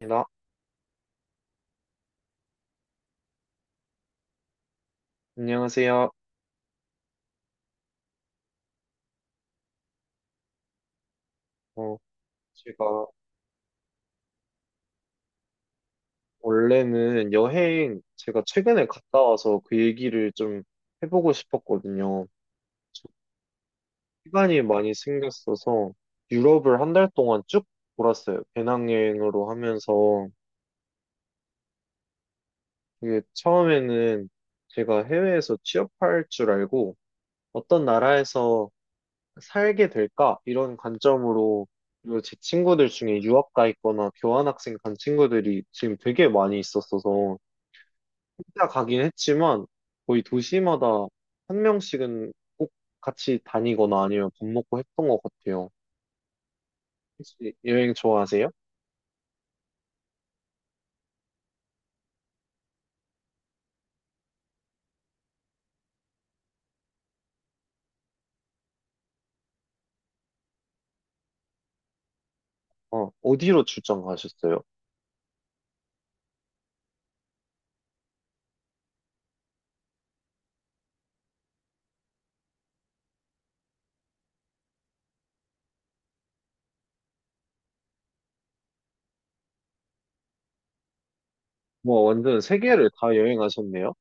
나, 안녕하세요. 어, 제가 원래는 여행, 제가 최근에 갔다 와서 그 얘기를 좀 해보고 싶었거든요. 저 시간이 많이 생겼어서 유럽을 한 달 동안 쭉 돌았어요. 배낭여행으로 하면서. 이게 처음에는 제가 해외에서 취업할 줄 알고 어떤 나라에서 살게 될까? 이런 관점으로 그리고 제 친구들 중에 유학 가 있거나 교환학생 간 친구들이 지금 되게 많이 있었어서 혼자 가긴 했지만 거의 도시마다 한 명씩은 꼭 같이 다니거나 아니면 밥 먹고 했던 것 같아요. 혹시 여행 좋아하세요? 어디로 출장 가셨어요? 뭐 완전 세계를 다 여행하셨네요.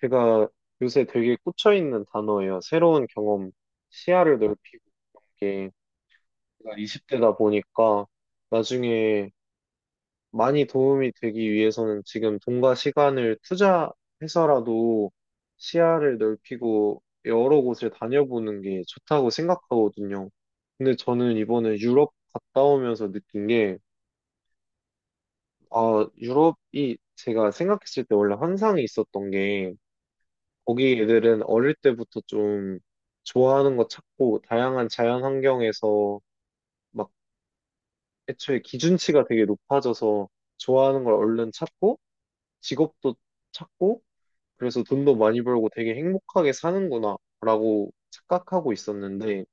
제가 요새 되게 꽂혀있는 단어예요. 새로운 경험, 시야를 넓히는 게 제가 20대다 보니까 나중에 많이 도움이 되기 위해서는 지금 돈과 시간을 투자해서라도 시야를 넓히고 여러 곳을 다녀보는 게 좋다고 생각하거든요. 근데 저는 이번에 유럽 갔다 오면서 느낀 게, 아, 유럽이 제가 생각했을 때 원래 환상이 있었던 게, 거기 애들은 어릴 때부터 좀 좋아하는 거 찾고, 다양한 자연 환경에서 막 애초에 기준치가 되게 높아져서 좋아하는 걸 얼른 찾고, 직업도 찾고 그래서 돈도 많이 벌고 되게 행복하게 사는구나 라고 착각하고 있었는데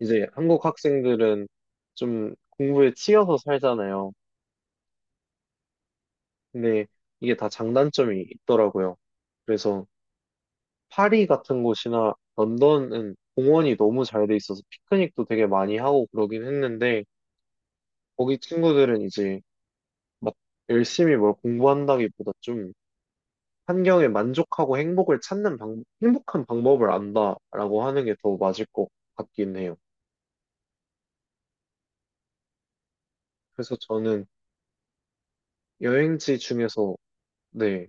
이제 한국 학생들은 좀 공부에 치여서 살잖아요. 근데 이게 다 장단점이 있더라고요. 그래서 파리 같은 곳이나 런던은 공원이 너무 잘돼 있어서 피크닉도 되게 많이 하고 그러긴 했는데 거기 친구들은 이제 막 열심히 뭘 공부한다기보다 좀 환경에 만족하고 행복을 찾는 방, 행복한 방법을 안다라고 하는 게 더 맞을 것 같긴 해요. 그래서 저는 여행지 중에서, 네,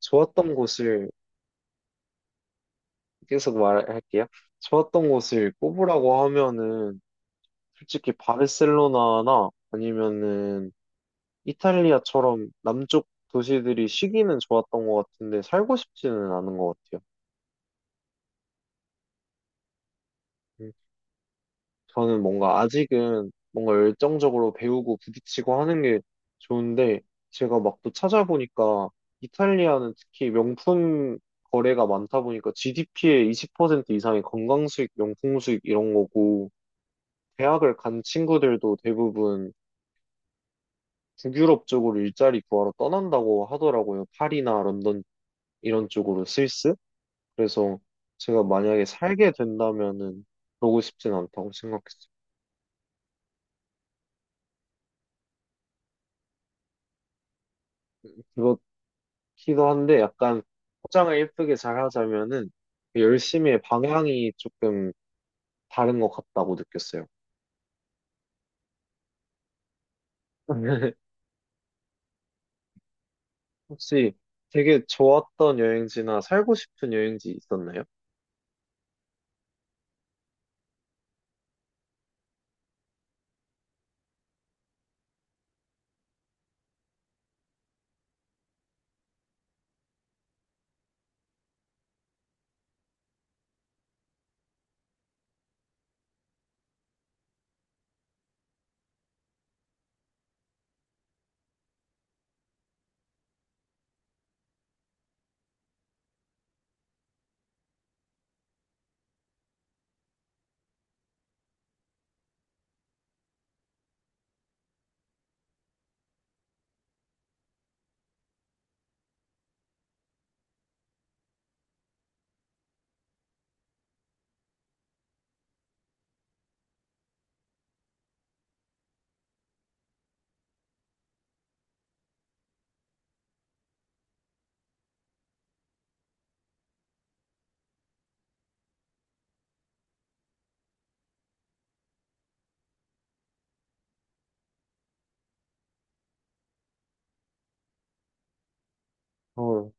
좋았던 곳을, 계속 말할게요. 좋았던 곳을 꼽으라고 하면은, 솔직히 바르셀로나나 아니면은 이탈리아처럼 남쪽 도시들이 쉬기는 좋았던 것 같은데, 살고 싶지는 않은 것 같아요. 음. 저는 뭔가 아직은 뭔가 열정적으로 배우고 부딪히고 하는 게 좋은데 제가 막 또 찾아보니까 이탈리아는 특히 명품 거래가 많다 보니까 GDP의 20% 이상이 건강 수익, 명품 수익 이런 거고 대학을 간 친구들도 대부분 북유럽 쪽으로 일자리 구하러 떠난다고 하더라고요. 파리나 런던 이런 쪽으로 스위스. 그래서 제가 만약에 살게 된다면은 그러고 싶진 않다고 생각했어요. 기도 한데 약간 포장을 예쁘게 잘 하자면은 그 열심히의 방향이 조금 다른 것 같다고 느꼈어요. 혹시 되게 좋았던 여행지나 살고 싶은 여행지 있었나요? 어,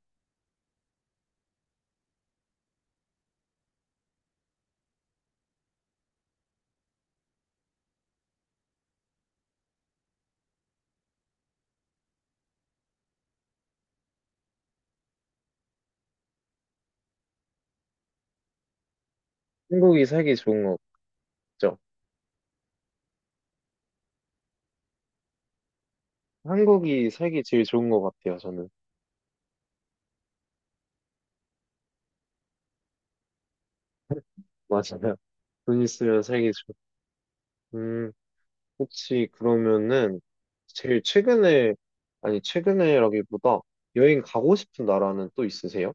한국이 살기 좋은 거 같죠? 한국이 살기 제일 좋은 것 같아요, 저는. 맞아요. 돈 있으면 살기 좋. 음, 혹시 그러면은 제일 최근에, 아니, 최근에라기보다 여행 가고 싶은 나라는 또 있으세요?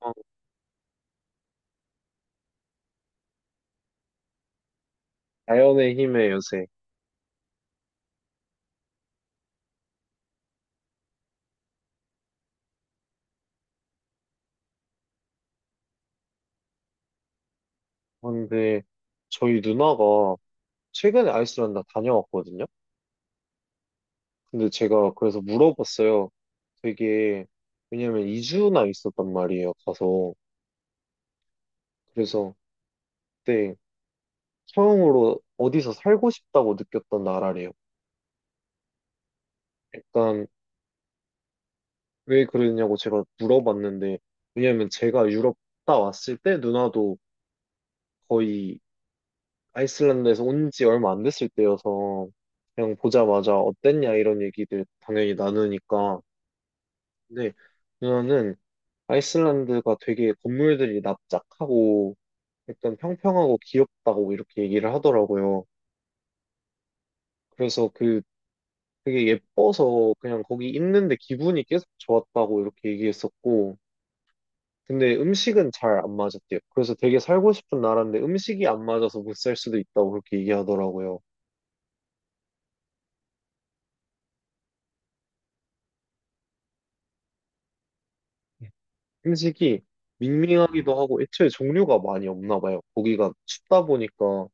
어, 자연의 힘의 요새. 근데 저희 누나가 최근에 아이슬란드 다녀왔거든요. 근데 제가 그래서 물어봤어요. 되게 왜냐면 2주나 있었단 말이에요. 가서 그래서 그때 처음으로 어디서 살고 싶다고 느꼈던 나라래요. 약간 왜 그러냐고 제가 물어봤는데 왜냐면 제가 유럽 갔다 왔을 때 누나도 거의 아이슬란드에서 온 지 얼마 안 됐을 때여서 그냥 보자마자 어땠냐 이런 얘기들 당연히 나누니까 근데 누나는 아이슬란드가 되게 건물들이 납작하고 약간 평평하고 귀엽다고 이렇게 얘기를 하더라고요. 그래서 그 되게 예뻐서 그냥 거기 있는데 기분이 계속 좋았다고 이렇게 얘기했었고, 근데 음식은 잘 안 맞았대요. 그래서 되게 살고 싶은 나라인데 음식이 안 맞아서 못 살 수도 있다고 그렇게 얘기하더라고요. 음식이 밍밍하기도 하고 애초에 종류가 많이 없나 봐요. 거기가 춥다 보니까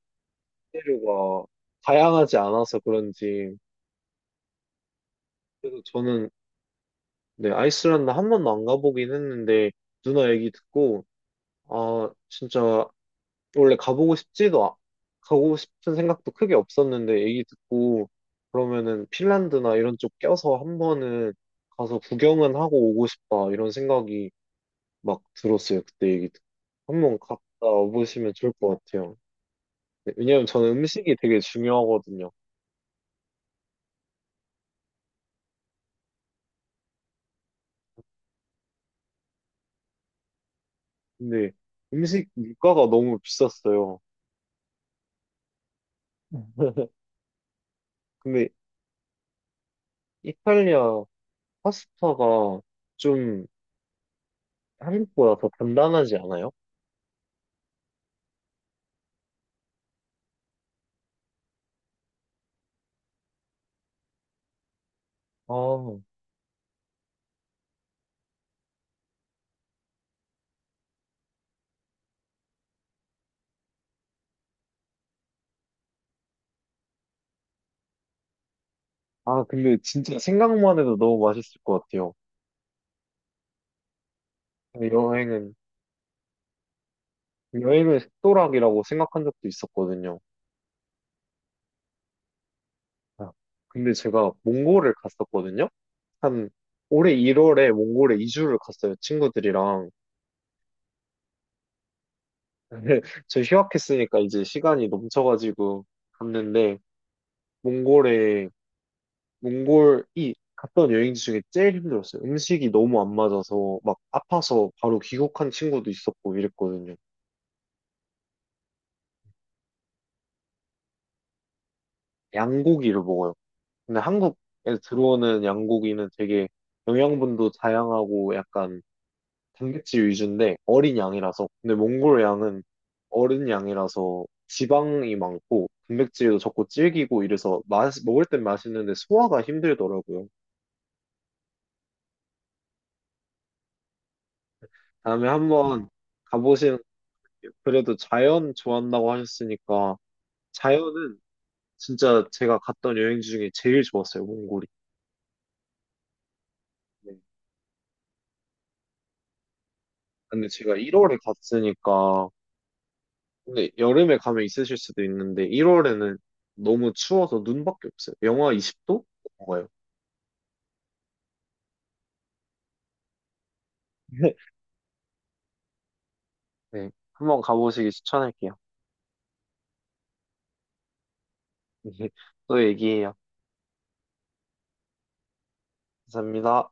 재료가 다양하지 않아서 그런지. 그래서 저는 네, 아이슬란드 한 번도 안 가보긴 했는데, 누나 얘기 듣고, 아, 진짜, 원래 가보고 싶지도, 가고 싶은 생각도 크게 없었는데, 얘기 듣고, 그러면은 핀란드나 이런 쪽 껴서 한 번은 가서 구경은 하고 오고 싶다, 이런 생각이 막 들었어요, 그때 얘기 듣고. 한 번 갔다 와보시면 좋을 것 같아요. 네, 왜냐면 저는 음식이 되게 중요하거든요. 근데 음식 물가가 너무 비쌌어요. 음. 근데 이탈리아 파스타가 좀 한국보다 더 단단하지 않아요? 아, 아, 근데 진짜 생각만 해도 너무 맛있을 것 같아요. 여행은, 여행을 식도락이라고 생각한 적도 있었거든요. 아, 근데 제가 몽골을 갔었거든요? 한 올해 1월에 몽골에 2주를 갔어요, 친구들이랑. 근데 저 휴학했으니까 이제 시간이 넘쳐가지고 갔는데, 몽골에 몽골이 갔던 여행지 중에 제일 힘들었어요. 음식이 너무 안 맞아서 막 아파서 바로 귀국한 친구도 있었고 이랬거든요. 양고기를 먹어요. 근데 한국에 들어오는 양고기는 되게 영양분도 다양하고 약간 단백질 위주인데 어린 양이라서 근데 몽골 양은 어른 양이라서 지방이 많고 단백질도 적고 질기고 이래서 맛, 먹을 땐 맛있는데 소화가 힘들더라고요. 다음에 한번 가보시는 게 그래도 자연 좋아한다고 하셨으니까 자연은 진짜 제가 갔던 여행지 중에 제일 좋았어요, 몽골이. 네. 근데 제가 1월에 갔으니까, 근데 여름에 가면 있으실 수도 있는데, 1월에는 너무 추워서 눈밖에 없어요. 영하 20도? 넘어가요. 네. 한번 가보시기 추천할게요. 또 얘기해요. 감사합니다.